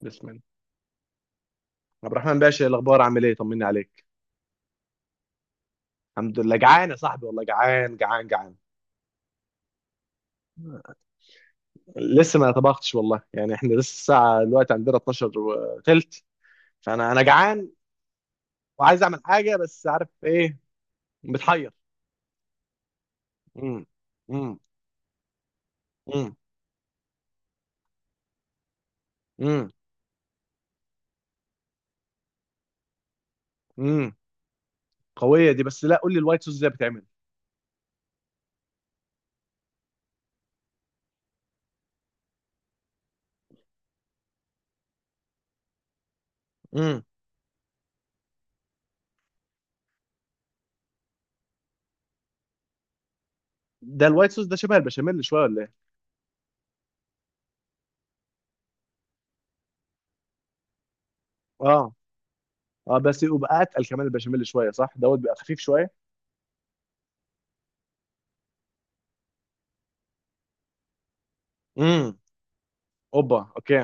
بسم الله. عبد الرحمن باشا، إيه الاخبار؟ عامل ايه؟ طمني عليك. الحمد لله جعان يا صاحبي، والله جعان جعان جعان. لسه ما طبختش والله، يعني احنا لسه الساعه دلوقتي عندنا 12 وثلث. فانا جعان وعايز اعمل حاجه، بس عارف ايه؟ متحير. امم امم امم امم امم قويه دي، بس لا، قول لي الوايت صوص ازاي بتعمل؟ امم ده الوايت صوص ده شبه البشاميل شويه ولا ايه؟ اه. اه بس يبقى اتقل كمان البشاميل شويه، صح؟ دوت بيبقى خفيف شويه. امم اوبا، اوكي.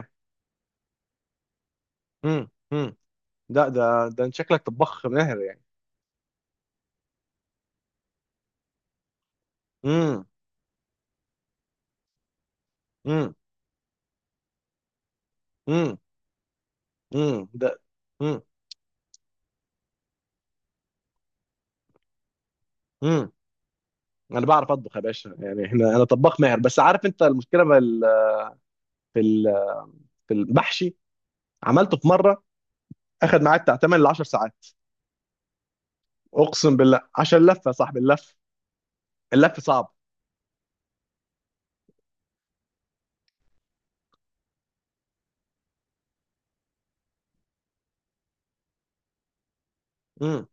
امم لا، ده انت شكلك طباخ ماهر يعني. امم امم امم ده امم امم انا بعرف اطبخ يا باشا، يعني احنا، انا طباخ ماهر. بس عارف انت المشكله في في ال- المحشي، عملته في مره اخد معايا بتاع 8 ل 10 ساعات. اقسم بالله عشان اللفه يا صاحبي، اللف صعب. امم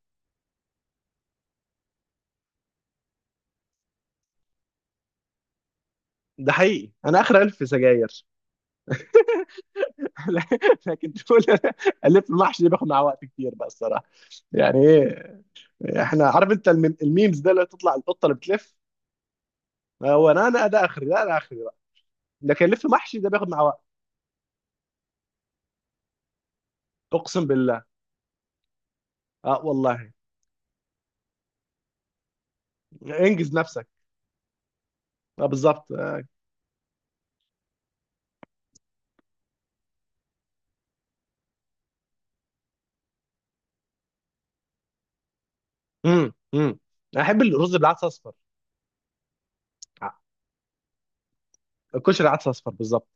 ده حقيقي، انا اخر الف في سجاير. لكن تقول، الف المحشي دي بياخد معاه وقت كتير بقى الصراحه، يعني ايه؟ احنا عارف انت الميمز ده اللي تطلع القطه اللي بتلف. هو انا ده اخري، ده انا اخري بقى. لكن لف محشي ده بياخد مع وقت. اقسم بالله. اه والله. انجز نفسك. اه بالظبط. امم امم انا احب الرز بالعدس اصفر. آه، الكشري عدس اصفر بالظبط،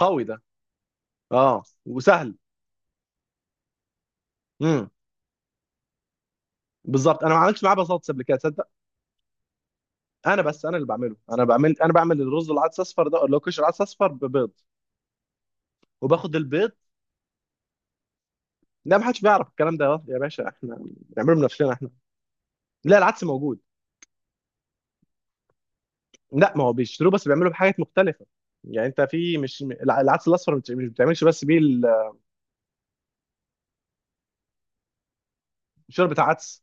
قوي ده. اه وسهل. امم بالظبط، انا ما عملتش معاه بطاطس قبل كده تصدق. انا بس انا اللي بعمله انا بعمل انا بعمل الرز العدس اصفر ده اللي هو كشري عدس اصفر ببيض، وباخد البيض. لا، ما حدش بيعرف الكلام ده يا باشا، احنا بنعمله بنفسنا احنا. لا، العدس موجود. لا، ما هو بيشتروه بس بيعملوا بحاجات مختلفه. يعني انت في، مش العدس الاصفر مش بتعملش بس بيه شوربه عدس.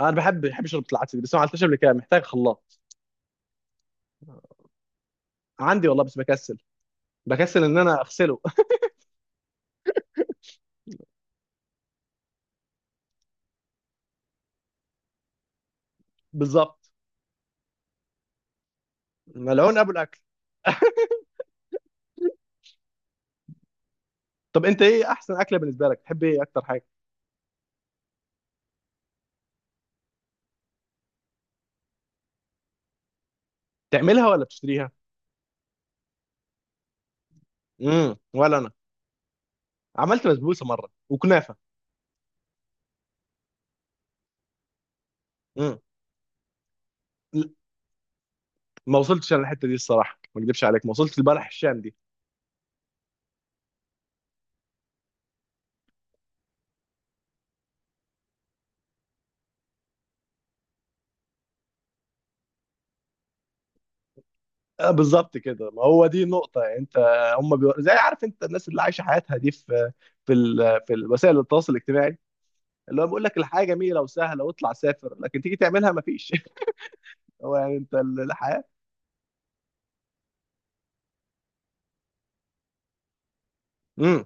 انا بحب شوربه العدس دي، بس ما عملتهاش قبل كده، محتاج خلاط. عندي والله، بس بكسل، بكسل ان انا اغسله. بالظبط. ملعون قبل الاكل. طب انت ايه احسن اكله بالنسبه لك؟ تحب ايه اكتر حاجه؟ تعملها ولا بتشتريها؟ ولا انا، عملت بسبوسه مره وكنافه. امم ل- ما وصلتش انا الحته دي الصراحه، ما اكذبش عليك، ما وصلتش لبلح الشام. بالظبط كده، ما هو دي النقطة. يعني انت، هم زي، عارف انت، الناس اللي عايشة حياتها دي في، في في وسائل التواصل الاجتماعي، اللي هو بيقول لك الحياة جميلة وسهلة واطلع سافر، لكن تيجي تعملها ما فيش. هو يعني انت الحياة. امم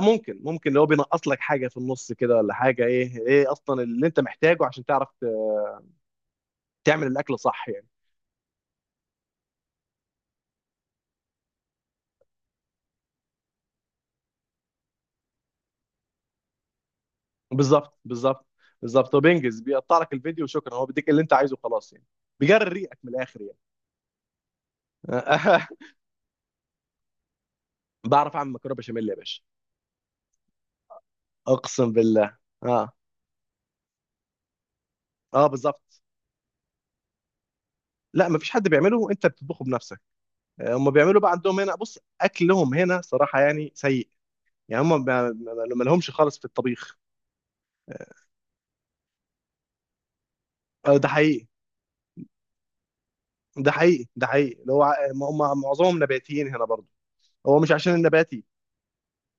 ممكن اللي هو بينقص لك حاجة في النص كده ولا حاجة؟ ايه ايه اصلا اللي انت محتاجه عشان تعرف تعمل الاكل صح يعني؟ بالظبط بالظبط، هو بينجز، بيقطع لك الفيديو وشكرا، هو بيديك اللي انت عايزه خلاص يعني. بيجري ريقك من الاخر يعني. بعرف اعمل مكرونه بشاميل يا باشا. اقسم بالله. اه. اه بالظبط. لا مفيش حد بيعمله، انت بتطبخه بنفسك. هم بيعملوا بقى عندهم هنا، بص، اكلهم هنا صراحه يعني سيء. يعني هم ما لهمش خالص في الطبيخ. آه، ده حقيقي ده حقيقي ده حقيقي، اللي هو هم معظمهم نباتيين هنا برضه. هو مش عشان النباتي،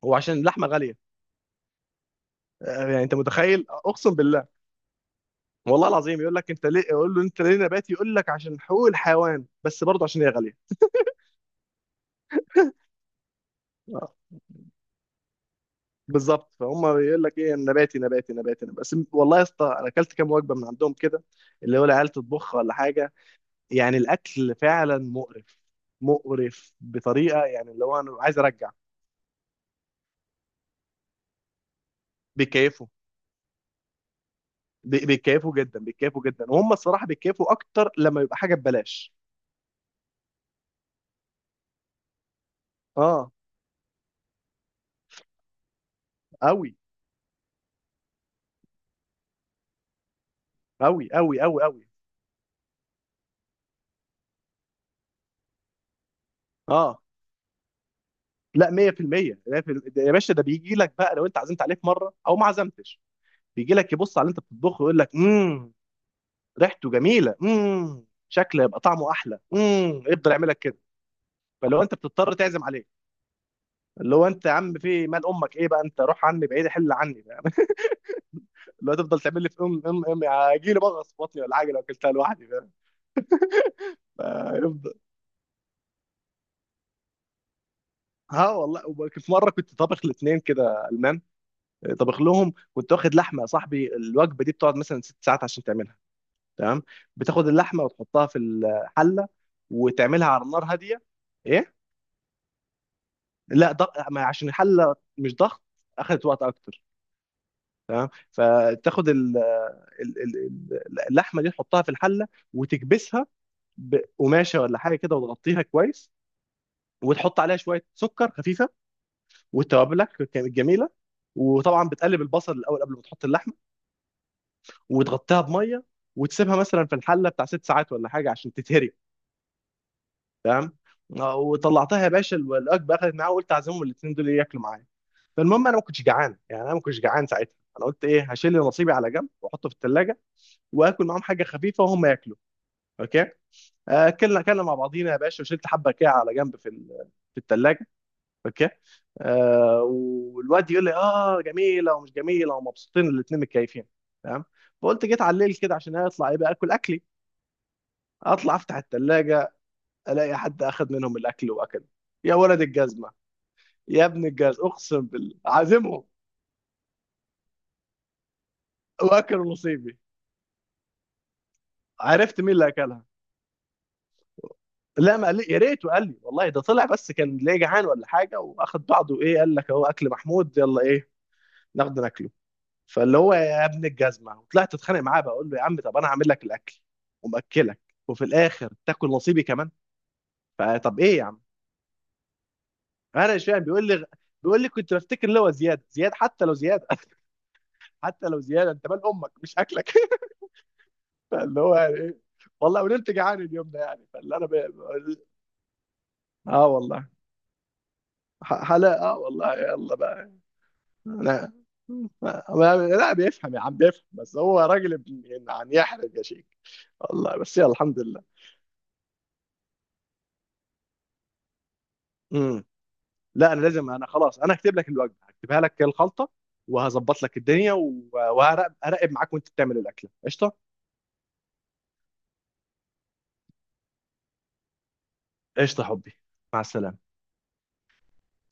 هو عشان اللحمه غاليه. يعني انت متخيل، اقسم بالله. والله العظيم يقول لك انت ليه، يقول له انت ليه نباتي، يقول لك عشان حقوق الحيوان، بس برضه عشان هي غاليه. بالظبط، فهم بيقول لك ايه؟ نباتي، نباتي، نباتي، نباتي. بس والله يا اسطى، انا اكلت كام وجبه من عندهم كده، اللي هو العيال تطبخها ولا حاجه، يعني الاكل فعلا مقرف. مقرف بطريقه، يعني اللي هو انا عايز ارجع. بيكيفوا، بيكيفوا جدا، بيكيفوا جدا، وهم الصراحه بيكيفوا اكتر لما يبقى حاجه ببلاش. اه. قوي، قوي، قوي، قوي، قوي. اه. لا 100% 100% ده يا باشا. ده بيجي لك بقى، لو انت عزمت عليه في مره او ما عزمتش، بيجي لك يبص على اللي انت بتطبخه ويقول لك: امم، ريحته جميله، امم، شكله يبقى طعمه احلى، امم، يفضل يعملك كده. فلو انت بتضطر تعزم عليه، اللي هو انت يا عم في إيه؟ مال امك ايه بقى انت؟ روح عني بعيد، حل عني، فاهم؟ اللي هو تفضل تعمل لي في ام ام ام هيجي لي بغص في بطني ولا حاجه لو اكلتها لوحدي، فاهم؟ فيفضل. اه والله. في مره كنت طابخ لاثنين كده المان. طابخ لهم، كنت واخد لحمه يا صاحبي، الوجبه دي بتقعد مثلا ست ساعات عشان تعملها، تمام؟ بتاخد اللحمه وتحطها في الحله، وتعملها على نار هاديه. ايه. لا ضغط، ما عشان الحله مش ضغط، اخذت وقت اكتر. تمام. فتاخد ال- ال- اللحمه دي تحطها في الحله، وتكبسها بقماشه ولا حاجه كده، وتغطيها كويس، وتحط عليها شويه سكر خفيفه، وتوابلك كانت جميله. وطبعا بتقلب البصل الاول قبل ما تحط اللحمه، وتغطيها بميه، وتسيبها مثلا في الحله بتاع ست ساعات ولا حاجه عشان تتهري. وطلعتها يا باشا، الوجبه اخذت معايا، وقلت اعزمهم الاثنين دول ياكلوا معايا. فالمهم، انا ما كنتش جعان، يعني انا ما كنتش جعان ساعتها، انا قلت ايه، هشيل نصيبي على جنب واحطه في الثلاجه، واكل معاهم حاجه خفيفه وهم ياكلوا. اوكي. اكلنا مع بعضينا يا باشا، وشلت حبه كده على جنب في في الثلاجه. اوكي. آه. والواد يقول لي اه جميله، ومش جميله، ومبسوطين الاثنين، متكيفين. تمام. فقلت، جيت على الليل كده عشان اطلع يبقى اكل اكلي، اطلع افتح الثلاجه، الاقي حد اخذ منهم الاكل واكل. يا ولد الجزمه، يا ابن الجاز، اقسم بالله عازمهم واكلوا نصيبي. عرفت مين اللي اكلها. لا ما قال لي، يا ريت، وقال لي والله ده طلع بس كان ليه جعان ولا حاجه، واخد بعضه، ايه قال لك: اهو اكل محمود، يلا ايه، ناخده ناكله. فاللي هو، يا ابن الجزمه، وطلعت اتخانق معاه، بقول له: يا عم طب انا هعمل لك الاكل ومأكلك، وفي الاخر تاكل نصيبي كمان، فطب ايه يا عم؟ انا مش فاهم، بيقول لي كنت بفتكر اللي هو زياد، حتى لو زياد. حتى لو زياد، انت مال امك؟ مش اكلك. فاللي هو يعني ايه؟ والله ونمت جعان اليوم ده يعني، فاللي انا ب... اه والله. حلاقة. آه والله يلا بقى. انا لا بيفهم يا عم، بيفهم بس هو راجل ابن عن يحرج يا شيخ، والله. بس يلا الحمد لله. امم لا انا لازم، انا خلاص هكتب لك الوجبه، هكتبها لك الخلطه، وهظبط لك الدنيا، وهراقب أراقب معاك وانت بتعمل الاكله، قشطه. قشطه يا حبي. مع السلامه.